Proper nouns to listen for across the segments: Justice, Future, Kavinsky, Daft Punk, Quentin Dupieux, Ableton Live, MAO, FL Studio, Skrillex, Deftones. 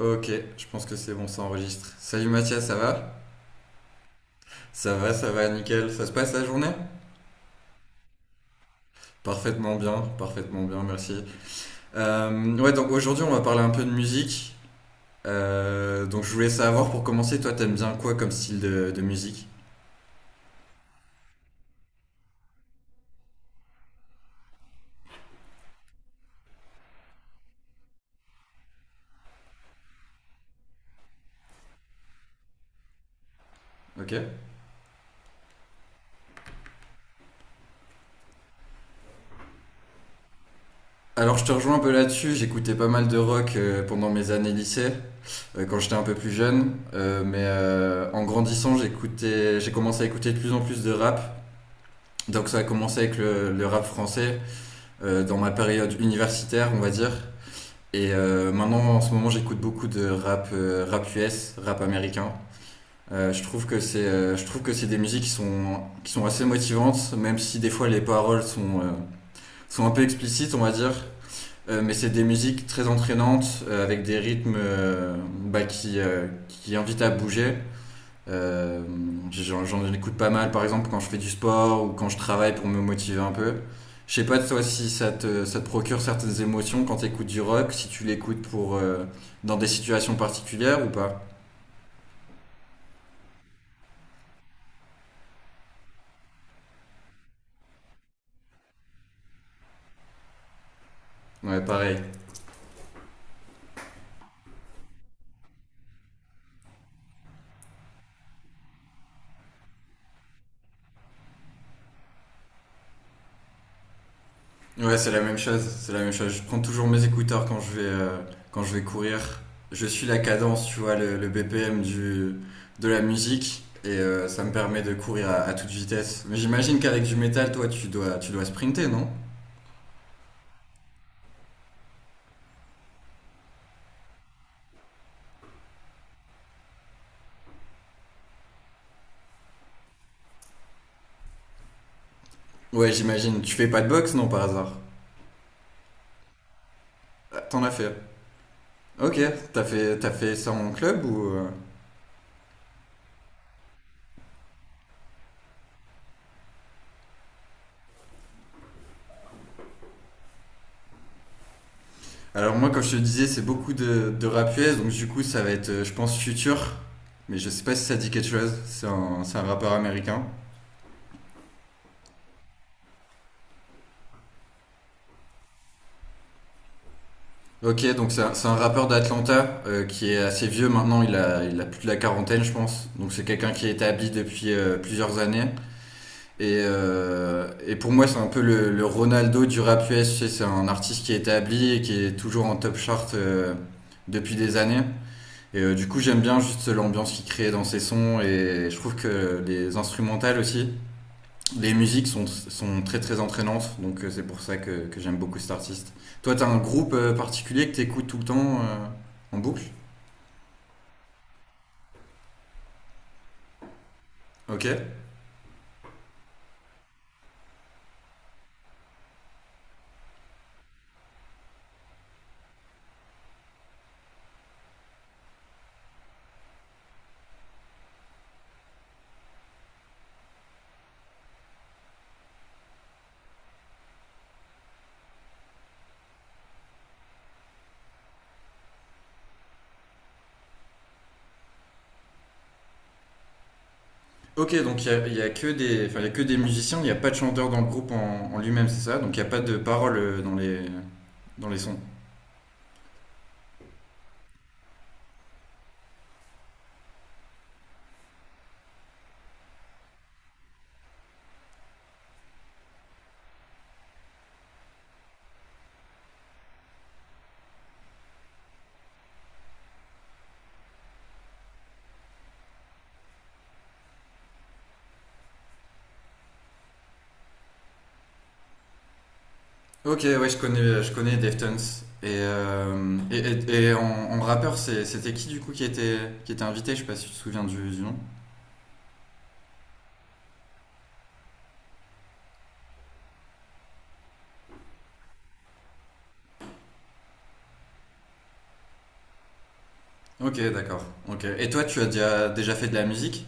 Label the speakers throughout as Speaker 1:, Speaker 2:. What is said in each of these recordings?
Speaker 1: Ok, je pense que c'est bon, ça enregistre. Salut Mathias, ça va? Ça va, ça va, nickel. Ça se passe la journée? Parfaitement bien, merci. Ouais, donc aujourd'hui on va parler un peu de musique. Donc je voulais savoir pour commencer, toi t'aimes bien quoi comme style de musique? Ok. Alors je te rejoins un peu là-dessus, j'écoutais pas mal de rock pendant mes années lycée, quand j'étais un peu plus jeune. En grandissant j'écoutais, j'ai commencé à écouter de plus en plus de rap. Donc ça a commencé avec le rap français, dans ma période universitaire, on va dire. Maintenant, en ce moment, j'écoute beaucoup de rap, rap US, rap américain. Je trouve que c'est des musiques qui sont assez motivantes, même si des fois les paroles sont un peu explicites, on va dire. Mais c'est des musiques très entraînantes, avec des rythmes qui invitent à bouger. Euh, J'en écoute pas mal, par exemple, quand je fais du sport ou quand je travaille pour me motiver un peu. Je sais pas toi si ça te procure certaines émotions quand tu écoutes du rock, si tu l'écoutes pour dans des situations particulières ou pas. Ouais, pareil. Ouais, c'est la même chose. C'est la même chose. Je prends toujours mes écouteurs quand je vais courir. Je suis la cadence, tu vois, le BPM du de la musique et ça me permet de courir à toute vitesse. Mais j'imagine qu'avec du métal, toi, tu dois sprinter, non? Ouais, j'imagine. Tu fais pas de boxe, non, par hasard? Ah, t'en as fait. Ok, t'as fait ça en club ou... Alors moi, comme je te disais, c'est beaucoup de rap US, donc du coup, ça va être, je pense, Future. Mais je sais pas si ça dit quelque chose. C'est c'est un rappeur américain. Ok, donc c'est c'est un rappeur d'Atlanta qui est assez vieux maintenant. Il a plus de la quarantaine, je pense. Donc c'est quelqu'un qui est établi depuis plusieurs années. Pour moi, c'est un peu le Ronaldo du rap US. Tu sais, c'est un artiste qui est établi et qui est toujours en top chart depuis des années. Du coup, j'aime bien juste l'ambiance qu'il crée dans ses sons. Et je trouve que les instrumentales aussi, les musiques sont très très entraînantes. C'est pour ça que j'aime beaucoup cet artiste. Toi, t'as un groupe particulier que t'écoutes tout le temps en boucle. Ok. Ok, donc il y a que des, enfin, il y a que des musiciens, il n'y a pas de chanteur dans le groupe en lui-même, c'est ça? Donc il n'y a pas de paroles dans dans les sons. Ok, ouais, je connais Deftones. Et, euh, et, et- et en, En rappeur, c'était qui du coup qui était invité? Je sais pas si tu te souviens du nom. Ok, d'accord. Ok. Et toi, tu as déjà fait de la musique?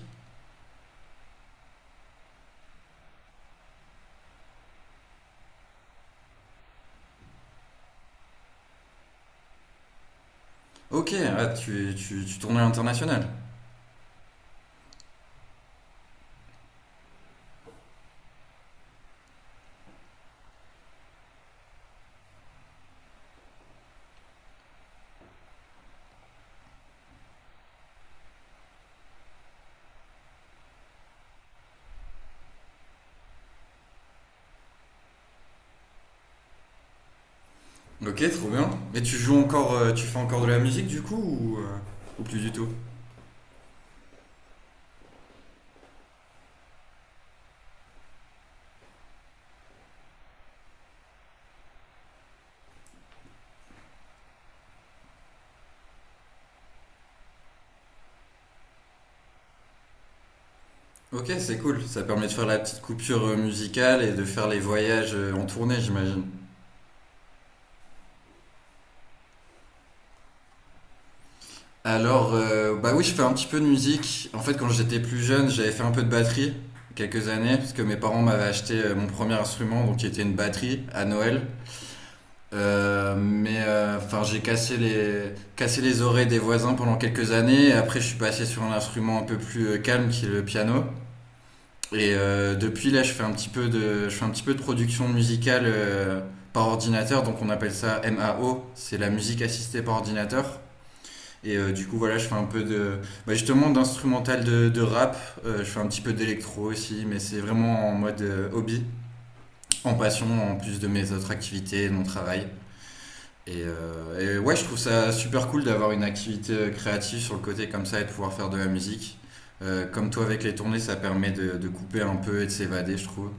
Speaker 1: Ok, ah, tu tournes à l'international. Ok, trop bien. Et tu joues encore, tu fais encore de la musique du coup ou plus du tout? Ok, c'est cool. Ça permet de faire la petite coupure musicale et de faire les voyages en tournée, j'imagine. Alors, bah oui, je fais un petit peu de musique. En fait, quand j'étais plus jeune, j'avais fait un peu de batterie quelques années, parce que mes parents m'avaient acheté mon premier instrument, donc qui était une batterie à Noël. Enfin, j'ai cassé les oreilles des voisins pendant quelques années. Et après, je suis passé sur un instrument un peu plus calme, qui est le piano. Depuis là, je fais un petit peu de, je fais un petit peu de production musicale par ordinateur, donc on appelle ça MAO, c'est la musique assistée par ordinateur. Du coup, voilà, je fais un peu de, bah, justement, d'instrumental de rap. Je fais un petit peu d'électro aussi, mais c'est vraiment en mode hobby, en passion, en plus de mes autres activités et de mon travail. Ouais, je trouve ça super cool d'avoir une activité créative sur le côté comme ça et de pouvoir faire de la musique. Comme toi avec les tournées, ça permet de couper un peu et de s'évader, je trouve.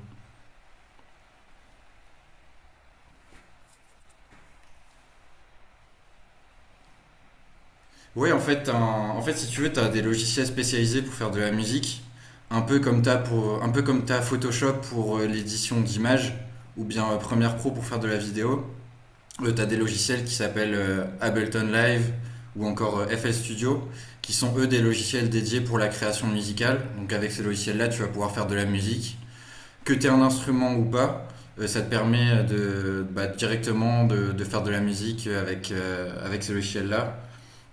Speaker 1: Oui, en fait, en fait, si tu veux, tu as des logiciels spécialisés pour faire de la musique, un peu comme tu as pour, un peu comme t'as Photoshop pour l'édition d'images, ou bien Premiere Pro pour faire de la vidéo. Tu as des logiciels qui s'appellent Ableton Live ou encore FL Studio, qui sont eux des logiciels dédiés pour la création musicale. Donc avec ces logiciels-là, tu vas pouvoir faire de la musique. Que tu aies un instrument ou pas, ça te permet de, bah, directement de faire de la musique avec, avec ces logiciels-là.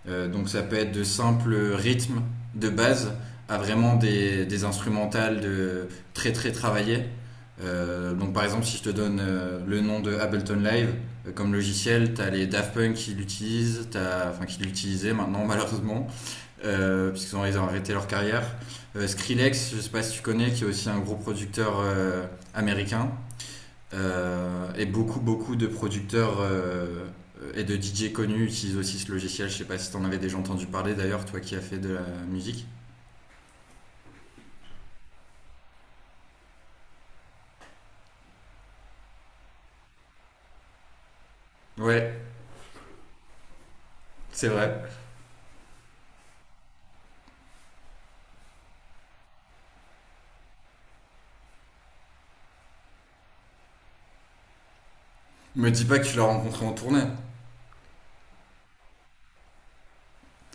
Speaker 1: Donc ça peut être de simples rythmes de base à vraiment des instrumentales de très très travaillées. Donc par exemple si je te donne le nom de Ableton Live comme logiciel, t'as les Daft Punk qui l'utilisent, enfin qui l'utilisaient maintenant malheureusement, puisqu'ils ont arrêté leur carrière. Skrillex, je sais pas si tu connais, qui est aussi un gros producteur américain. Et beaucoup, beaucoup de producteurs et de DJ connus utilisent aussi ce logiciel. Je sais pas si t'en avais déjà entendu parler d'ailleurs, toi qui as fait de la musique. Ouais, c'est vrai. Me dis pas que tu l'as rencontré en tournée.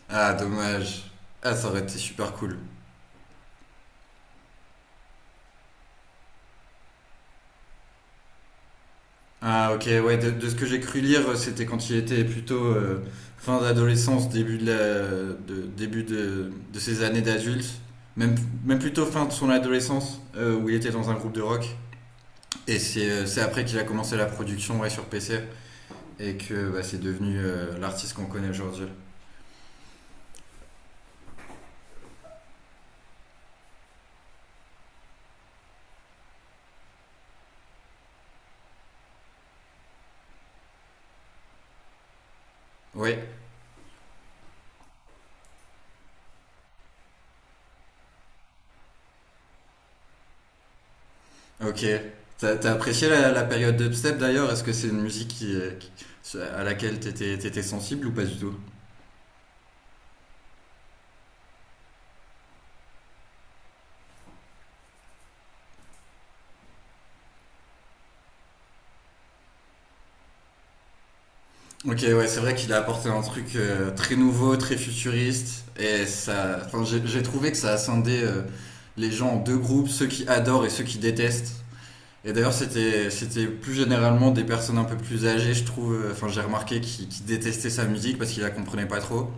Speaker 1: Ah, dommage. Ah, ça aurait été super cool. Ah, ok, ouais, de ce que j'ai cru lire, c'était quand il était plutôt fin d'adolescence, début début de ses années d'adulte. Même, Même plutôt fin de son adolescence, où il était dans un groupe de rock. C'est après qu'il a commencé la production, ouais, sur PC et que bah, c'est devenu l'artiste qu'on connaît aujourd'hui. Oui, ok. T'as apprécié la, la période dubstep d'ailleurs? Est-ce que c'est une musique qui, à laquelle t'étais sensible ou pas du tout? Ok, ouais, c'est vrai qu'il a apporté un truc très nouveau, très futuriste et ça. Enfin, j'ai trouvé que ça a scindé les gens en deux groupes, ceux qui adorent et ceux qui détestent. C'était plus généralement des personnes un peu plus âgées, je trouve. Enfin, j'ai remarqué qui détestaient sa musique parce qu'ils la comprenaient pas trop.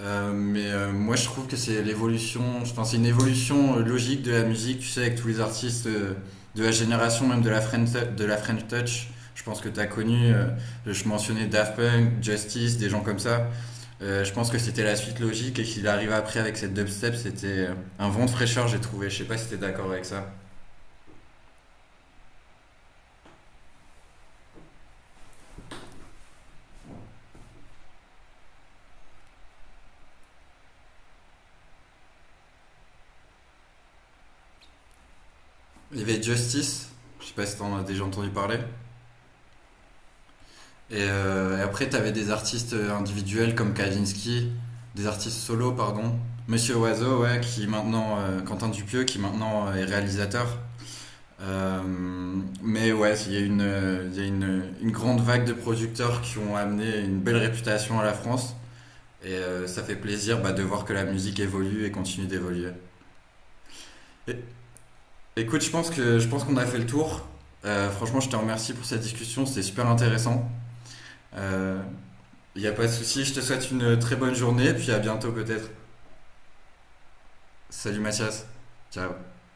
Speaker 1: Moi, je trouve que c'est l'évolution. Enfin, c'est une évolution logique de la musique. Tu sais, avec tous les artistes de la génération, même de de la French Touch. Je pense que tu as connu, je mentionnais Daft Punk, Justice, des gens comme ça. Je pense que c'était la suite logique et qu'il arrive après avec cette dubstep, c'était un vent de fraîcheur, j'ai trouvé. Je sais pas si tu es d'accord avec ça. Il y avait Justice, je sais pas si t'en as déjà entendu parler. Après, t'avais des artistes individuels comme Kavinsky, des artistes solo, pardon. Monsieur Oiseau, ouais, qui maintenant, Quentin Dupieux, qui maintenant est réalisateur. Euh, ouais, il y a une grande vague de producteurs qui ont amené une belle réputation à la France. Ça fait plaisir, bah, de voir que la musique évolue et continue d'évoluer. É- Écoute, je pense que je pense qu'on a fait le tour. Franchement, je te remercie pour cette discussion, c'était super intéressant. Il n'y a pas de souci, je te souhaite une très bonne journée, puis à bientôt peut-être. Salut Mathias. Ciao.